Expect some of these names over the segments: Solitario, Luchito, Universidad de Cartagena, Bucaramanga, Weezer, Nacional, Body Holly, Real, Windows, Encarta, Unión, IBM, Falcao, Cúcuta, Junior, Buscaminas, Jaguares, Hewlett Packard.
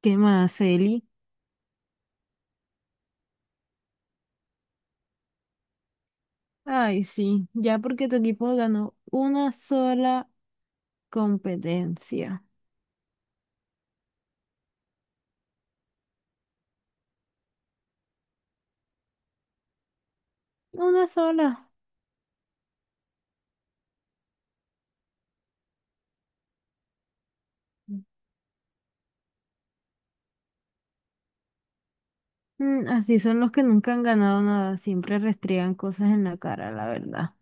¿Qué más, Eli? Ay, sí, ya porque tu equipo ganó una sola competencia. Una sola. Así son los que nunca han ganado nada, siempre restriegan cosas en la cara, la verdad.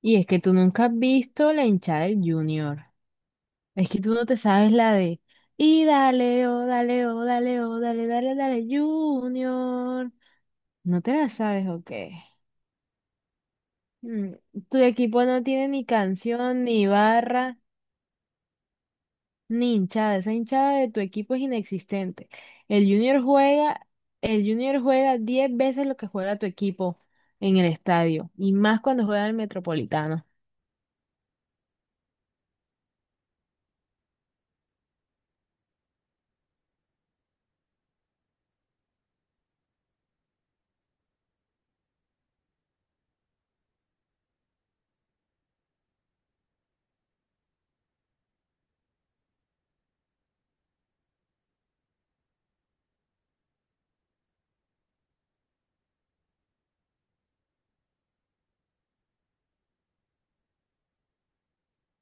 Y es que tú nunca has visto la hinchada del Junior. Es que tú no te sabes la de. Y dale, oh, dale, oh, dale, oh, dale, dale, dale, Junior. ¿No te la sabes o qué? Mm, Tu equipo no tiene ni canción, ni barra. Ni hinchada, esa hinchada de tu equipo es inexistente. El Junior juega, el Junior juega 10 veces lo que juega tu equipo en el estadio, y más cuando juega el Metropolitano.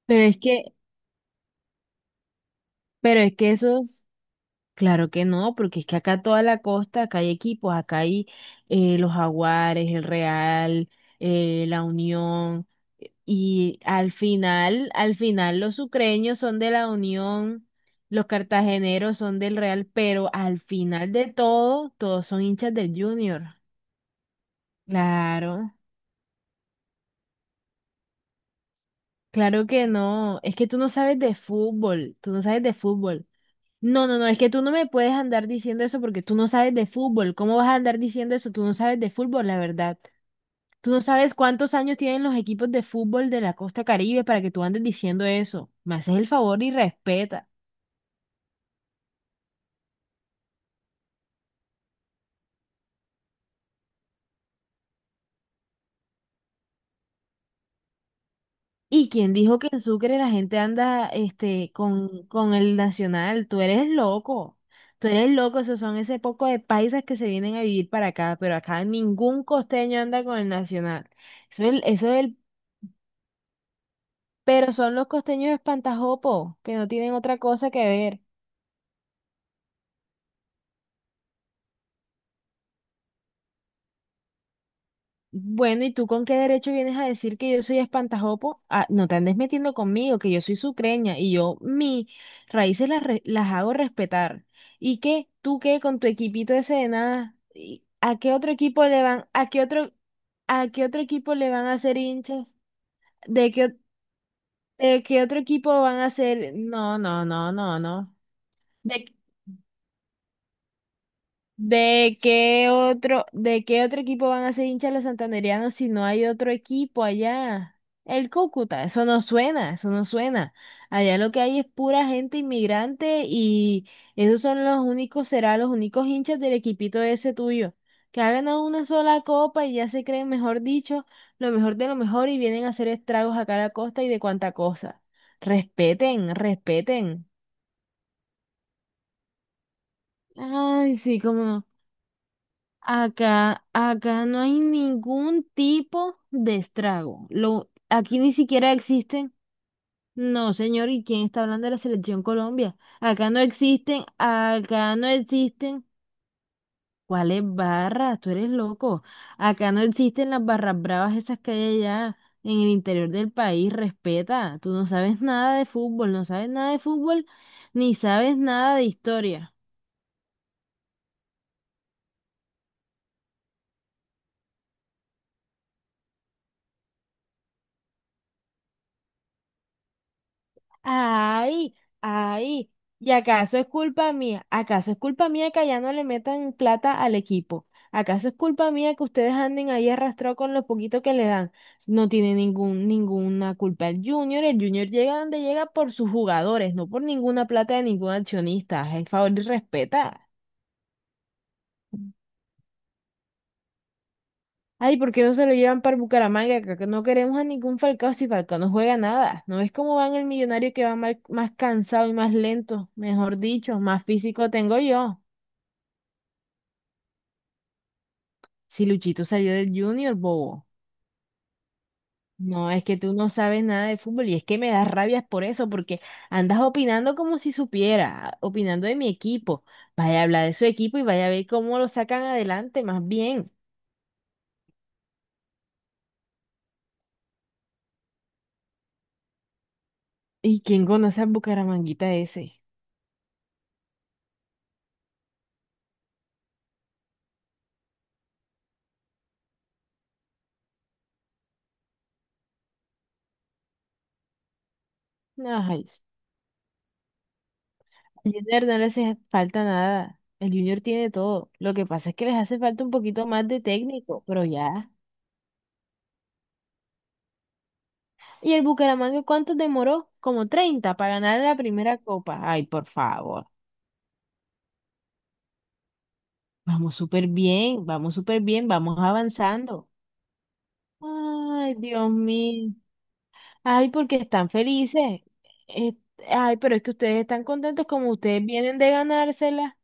Pero es que, pero es que esos claro que no, porque es que acá toda la costa, acá hay equipos, acá hay los Jaguares, el Real, la Unión, y al final los sucreños son de la Unión, los cartageneros son del Real, pero al final de todo, todos son hinchas del Junior. Claro, claro que no, es que tú no sabes de fútbol. Tú no sabes de fútbol. No, no, no, es que tú no me puedes andar diciendo eso porque tú no sabes de fútbol. ¿Cómo vas a andar diciendo eso? Tú no sabes de fútbol, la verdad. Tú no sabes cuántos años tienen los equipos de fútbol de la Costa Caribe para que tú andes diciendo eso. Me haces el favor y respeta. ¿Y quién dijo que en Sucre la gente anda este, con el Nacional? Tú eres loco. Tú eres loco, esos son ese poco de paisas que se vienen a vivir para acá, pero acá ningún costeño anda con el Nacional. Eso es Pero son los costeños espantajopos, que no tienen otra cosa que ver. Bueno, ¿y tú con qué derecho vienes a decir que yo soy espantajopo? Ah, no te andes metiendo conmigo, que yo soy sucreña y yo mis raíces las hago respetar. ¿Y qué? ¿Tú qué con tu equipito ese de nada? ¿Y ¿A qué otro equipo le van, a qué a qué otro equipo le van a hacer hinchas? ¿De qué, o- de qué otro equipo van a ser? No, no, no, no, no. De qué otro equipo van a ser hinchas los santandereanos si no hay otro equipo allá? El Cúcuta, eso no suena, eso no suena. Allá lo que hay es pura gente inmigrante y esos son los únicos, serán los únicos hinchas del equipito ese tuyo, que ha ganado una sola copa y ya se creen, mejor dicho, lo mejor de lo mejor y vienen a hacer estragos acá a la costa y de cuanta cosa. Respeten, respeten. Ay, sí, como. Acá, acá no hay ningún tipo de estrago. Lo, aquí ni siquiera existen. No, señor, ¿y quién está hablando de la Selección Colombia? Acá no existen, acá no existen. ¿Cuáles barras? Tú eres loco. Acá no existen las barras bravas esas que hay allá en el interior del país. Respeta. Tú no sabes nada de fútbol, no sabes nada de fútbol, ni sabes nada de historia. Ay, ay, ¿y acaso es culpa mía? ¿Acaso es culpa mía que allá no le metan plata al equipo? ¿Acaso es culpa mía que ustedes anden ahí arrastrados con lo poquito que le dan? No tiene ninguna culpa el Junior. El Junior llega donde llega por sus jugadores, no por ninguna plata de ningún accionista. El favor y respeta. Ay, ¿por qué no se lo llevan para Bucaramanga? Que no queremos a ningún Falcao si Falcao no juega nada. ¿No ves cómo van el millonario que va mal- más cansado y más lento? Mejor dicho, más físico tengo yo. Si Luchito salió del Junior, bobo. No, es que tú no sabes nada de fútbol y es que me das rabias por eso, porque andas opinando como si supiera, opinando de mi equipo. Vaya a hablar de su equipo y vaya a ver cómo lo sacan adelante, más bien. ¿Y quién conoce al Bucaramanguita ese? Ay, al Junior no le hace falta nada. El Junior tiene todo. Lo que pasa es que les hace falta un poquito más de técnico, pero ya. ¿Y el Bucaramanga cuánto demoró? Como treinta para ganar la primera copa. Ay, por favor. Vamos súper bien, vamos súper bien, vamos avanzando. Ay, Dios mío. Ay, porque están felices. Eh, ay, pero es que ustedes están contentos como ustedes vienen de ganársela.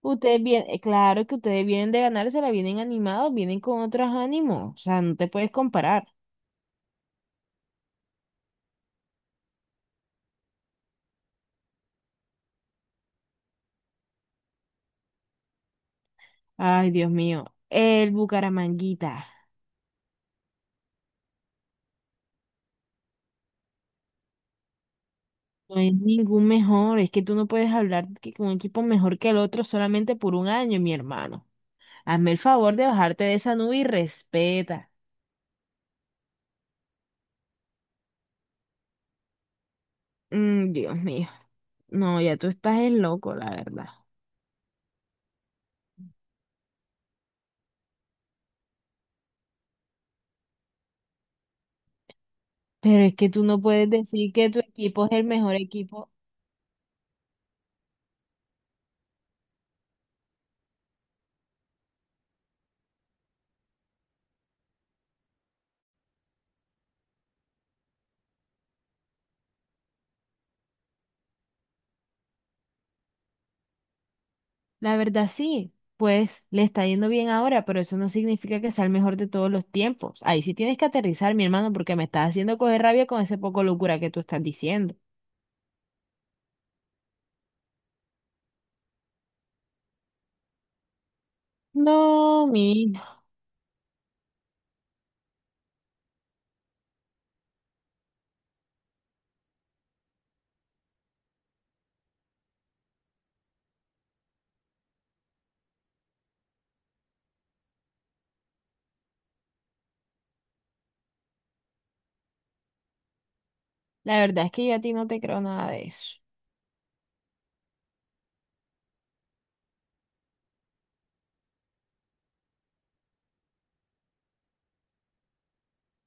Ustedes vienen, claro que ustedes vienen de ganar, se la vienen animados, vienen con otros ánimos, o sea, no te puedes comparar. Ay, Dios mío, el Bucaramanguita no es ningún mejor, es que tú no puedes hablar que con un equipo mejor que el otro solamente por un año, mi hermano. Hazme el favor de bajarte de esa nube y respeta. Dios mío, no, ya tú estás el loco, la verdad. Pero es que tú no puedes decir que tu equipo es el mejor equipo. La verdad sí, pues le está yendo bien ahora, pero eso no significa que sea el mejor de todos los tiempos. Ahí sí tienes que aterrizar, mi hermano, porque me estás haciendo coger rabia con ese poco locura que tú estás diciendo. No, mi, la verdad es que yo a ti no te creo nada de eso.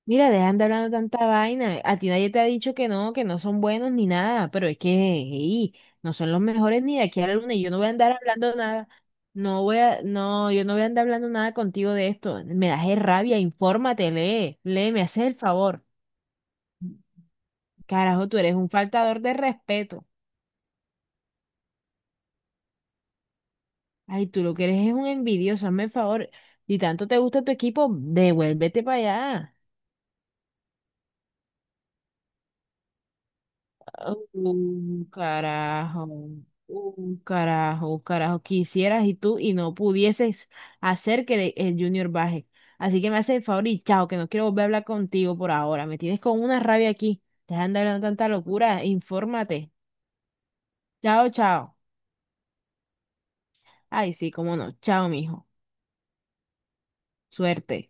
Mira, dejan de hablando tanta vaina. A ti nadie te ha dicho que no son buenos ni nada, pero es que ey, no son los mejores ni de aquí a la luna y yo no voy a andar hablando nada. No voy a, no, yo no voy a andar hablando nada contigo de esto. Me das es rabia, infórmate, lee, lee, me haces el favor. Carajo, tú eres un faltador de respeto. Ay, tú lo que eres es un envidioso, hazme el favor. Si tanto te gusta tu equipo, devuélvete para allá. Un carajo, un carajo, un carajo. Quisieras y tú y no pudieses hacer que le- el Junior baje. Así que me haces el favor y chao, que no quiero volver a hablar contigo por ahora. Me tienes con una rabia aquí. Te de andar hablando tanta locura. Infórmate. Chao, chao. Ay, sí, cómo no. Chao, mijo. Suerte.